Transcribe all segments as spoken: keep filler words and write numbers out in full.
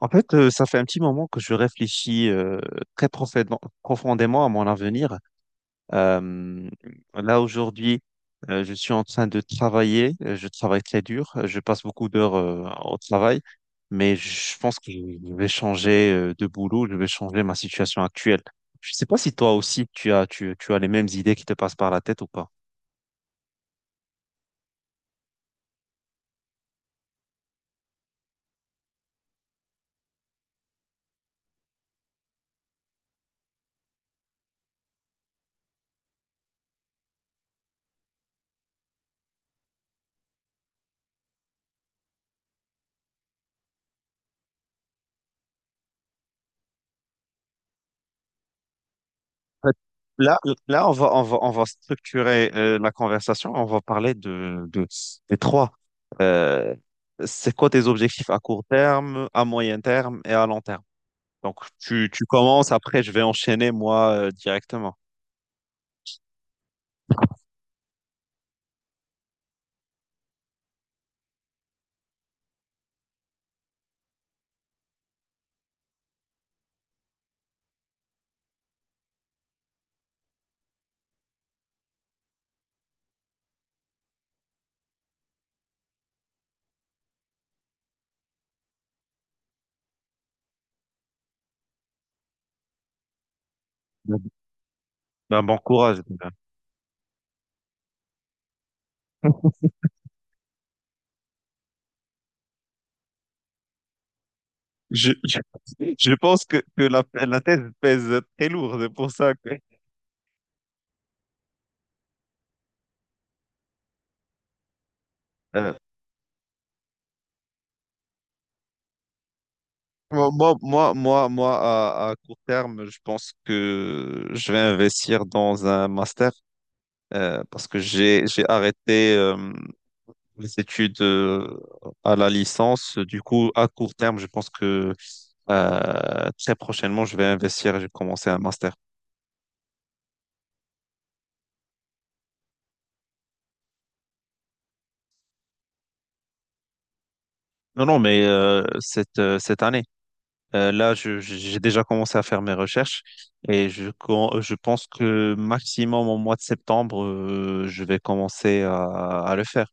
En fait, euh, ça fait un petit moment que je réfléchis euh, très profondément, profondément à mon avenir. Euh, Là, aujourd'hui, euh, je suis en train de travailler. euh, Je travaille très dur. euh, Je passe beaucoup d'heures euh, au travail. Mais je pense que je vais changer euh, de boulot. Je vais changer ma situation actuelle. Je ne sais pas si toi aussi, tu as, tu, tu as les mêmes idées qui te passent par la tête ou pas. fait, Là, là, on va, on va, On va structurer euh, la conversation. On va parler de, de, des trois. Euh, c'est quoi tes objectifs à court terme, à moyen terme et à long terme? Donc, tu, tu commences, après, je vais enchaîner moi euh, directement. Ben, bon courage déjà. Je, je, je pense que, que la, la thèse pèse très lourd. C'est pour ça que euh, moi, moi, moi, moi, moi, à, à court terme, je pense que je vais investir dans un master. Euh, parce que j'ai j'ai arrêté euh, les études euh, à la licence. Du coup, à court terme, je pense que euh, très prochainement, je vais investir et je vais commencer un master. Non, non, mais euh, cette, euh, cette année, euh, là, je- je- j'ai déjà commencé à faire mes recherches et je, com- je pense que maximum au mois de septembre, euh, je vais commencer à, à le faire.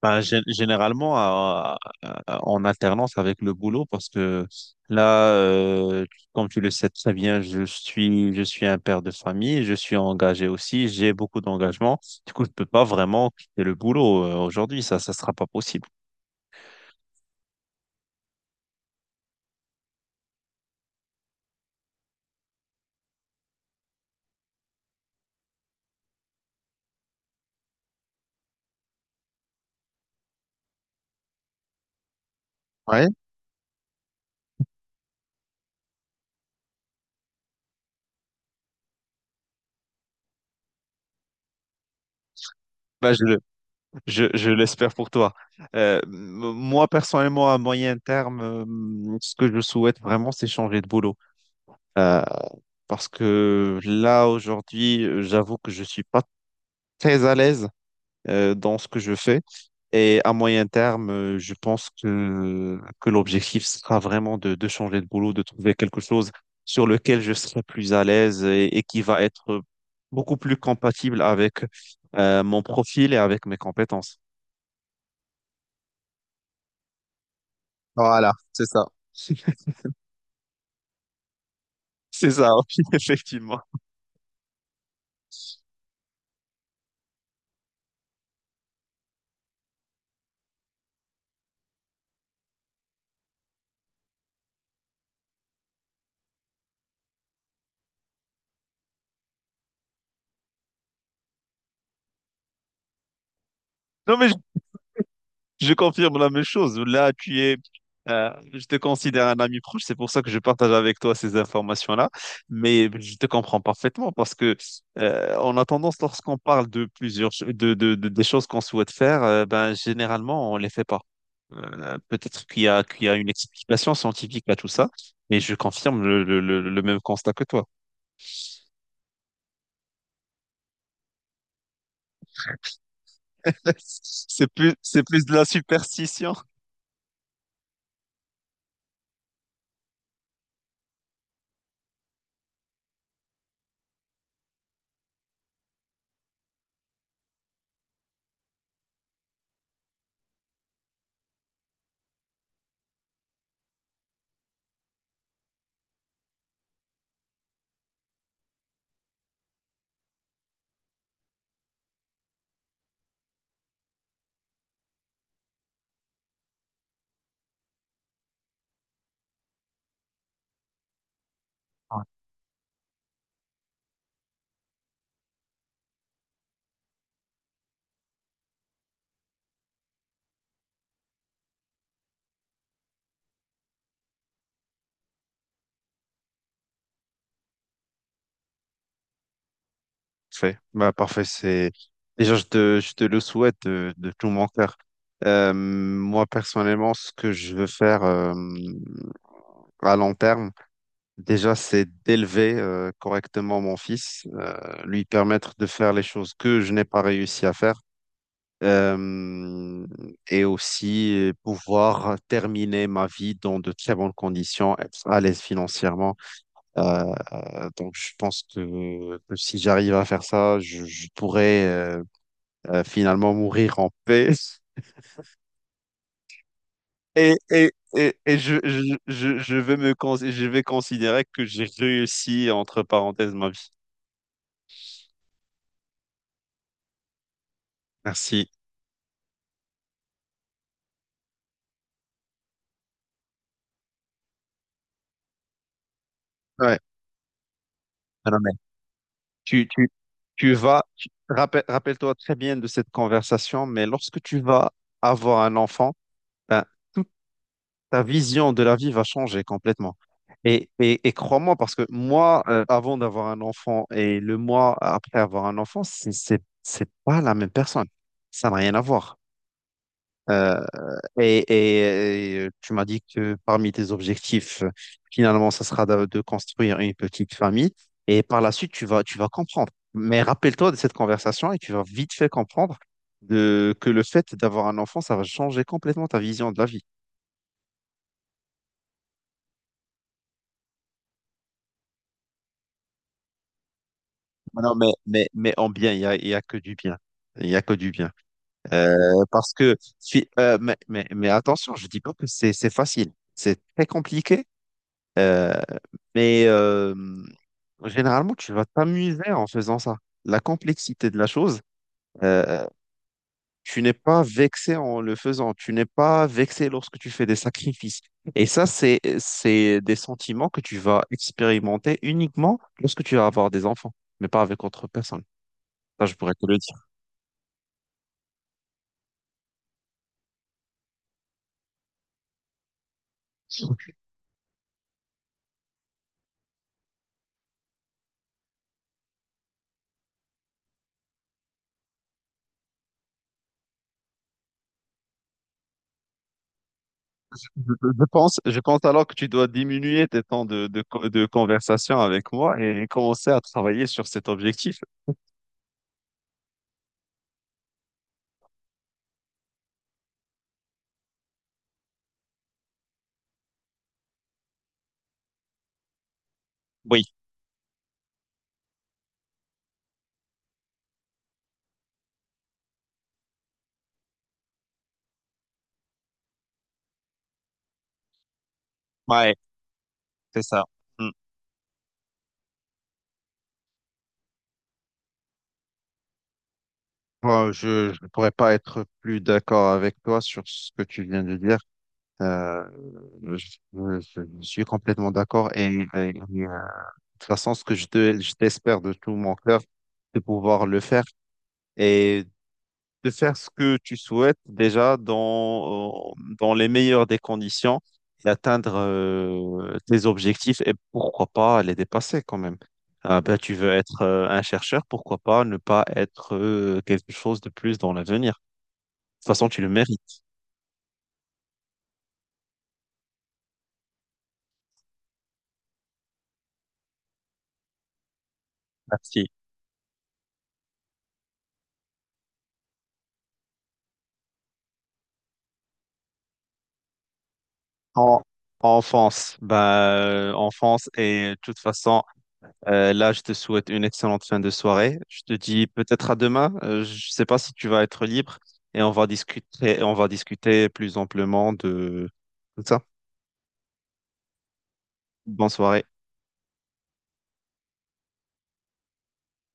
Bah, gé- généralement, à- à- en alternance avec le boulot, parce que là, euh, comme tu le sais très bien, je suis, je suis un père de famille, je suis engagé aussi, j'ai beaucoup d'engagement. Du coup, je peux pas vraiment quitter le boulot euh, aujourd'hui, ça, ça sera pas possible. Ouais. Bah, je, le- je, je l'espère pour toi. Euh, m- moi, personnellement, à moyen terme, euh, ce que je souhaite vraiment, c'est changer de boulot. Euh, Parce que là, aujourd'hui, euh, j'avoue que je suis pas très à l'aise euh, dans ce que je fais. Et à moyen terme, euh, je pense que, que l'objectif sera vraiment de, de changer de boulot, de trouver quelque chose sur lequel je serai plus à l'aise et, et qui va être beaucoup plus compatible avec euh, mon profil et avec mes compétences. Voilà, c'est ça. C'est ça, oui, effectivement. Non, mais je confirme la même chose. Là, tu es, euh, je te considère un ami proche. C'est pour ça que je partage avec toi ces informations-là. Mais je te comprends parfaitement parce que euh, on a tendance, lorsqu'on parle de plusieurs, ch- de, de, de- des choses qu'on souhaite faire, euh, ben généralement on les fait pas. Euh, peut-être qu'il y a, qu'il y a une explication scientifique à tout ça, mais je confirme le, le, le, le même constat que toi. C'est plus, c'est plus de la superstition. Parfait. Bah, parfait, c'est... Déjà, je te, je te le souhaite de, de tout mon cœur. Euh, moi, personnellement, ce que je veux faire euh, à long terme, déjà, c'est d'élever euh, correctement mon fils, euh, lui permettre de faire les choses que je n'ai pas réussi à faire, euh, et aussi euh, pouvoir terminer ma vie dans de très bonnes conditions, être à l'aise financièrement. Euh, euh, donc, je pense que, que si j'arrive à faire ça, je, je pourrais euh, euh, finalement mourir en paix. Et, et, et, et je, je, je, je vais me, cons- je vais considérer que j'ai réussi, entre parenthèses, ma vie. Merci. Ouais. Ah non, mais tu, tu, tu vas, tu- rappel- rappelle-toi très bien de cette conversation, mais lorsque tu vas avoir un enfant, ben, toute ta vision de la vie va changer complètement. Et, et, et crois-moi, parce que moi, euh, avant d'avoir un enfant et le mois après avoir un enfant, c'est, c'est, c'est pas la même personne. Ça n'a rien à voir. Euh, et, et- euh, Tu m'as dit que parmi tes objectifs, euh, finalement, ça sera de, de construire une petite famille. Et par la suite, tu vas, tu vas comprendre. Mais rappelle-toi de cette conversation et tu vas vite fait comprendre de, que le fait d'avoir un enfant, ça va changer complètement ta vision de la vie. Non, mais, mais, mais en bien, il n'y a, il y a que du bien. Il n'y a que du bien. Euh, Parce que, si- euh, mais, mais, mais attention, je dis pas que c'est c'est facile. C'est très compliqué. Mais euh, généralement, tu vas t'amuser en faisant ça. La complexité de la chose, euh, tu n'es pas vexé en le faisant. Tu n'es pas vexé lorsque tu fais des sacrifices. Et ça, c'est, c'est des sentiments que tu vas expérimenter uniquement lorsque tu vas avoir des enfants, mais pas avec autre personne. Ça, je pourrais te le dire. Je, je pense, je pense alors que tu dois diminuer tes temps de, de, co- de conversation avec moi et commencer à travailler sur cet objectif. Oui, ouais, c'est ça. Mmh. Bon, je ne pourrais pas être plus d'accord avec toi sur ce que tu viens de dire. Euh, je, je- je suis complètement d'accord et, et- et, euh, de toute façon, ce que je te, je t'espère de tout mon cœur, de pouvoir le faire et de faire ce que tu souhaites déjà dans, dans les meilleures des conditions et atteindre euh, tes objectifs et pourquoi pas les dépasser quand même. Ah ben, tu veux être euh, un chercheur, pourquoi pas ne pas être euh, quelque chose de plus dans l'avenir toute façon, tu le mérites. Merci. En, enfance, bah, euh, enfance et de toute façon, euh, là, je te souhaite une excellente fin de soirée. Je te dis peut-être à demain. Euh, je sais pas si tu vas être libre et on va discuter, on va discuter plus amplement de tout ça. Bonne soirée.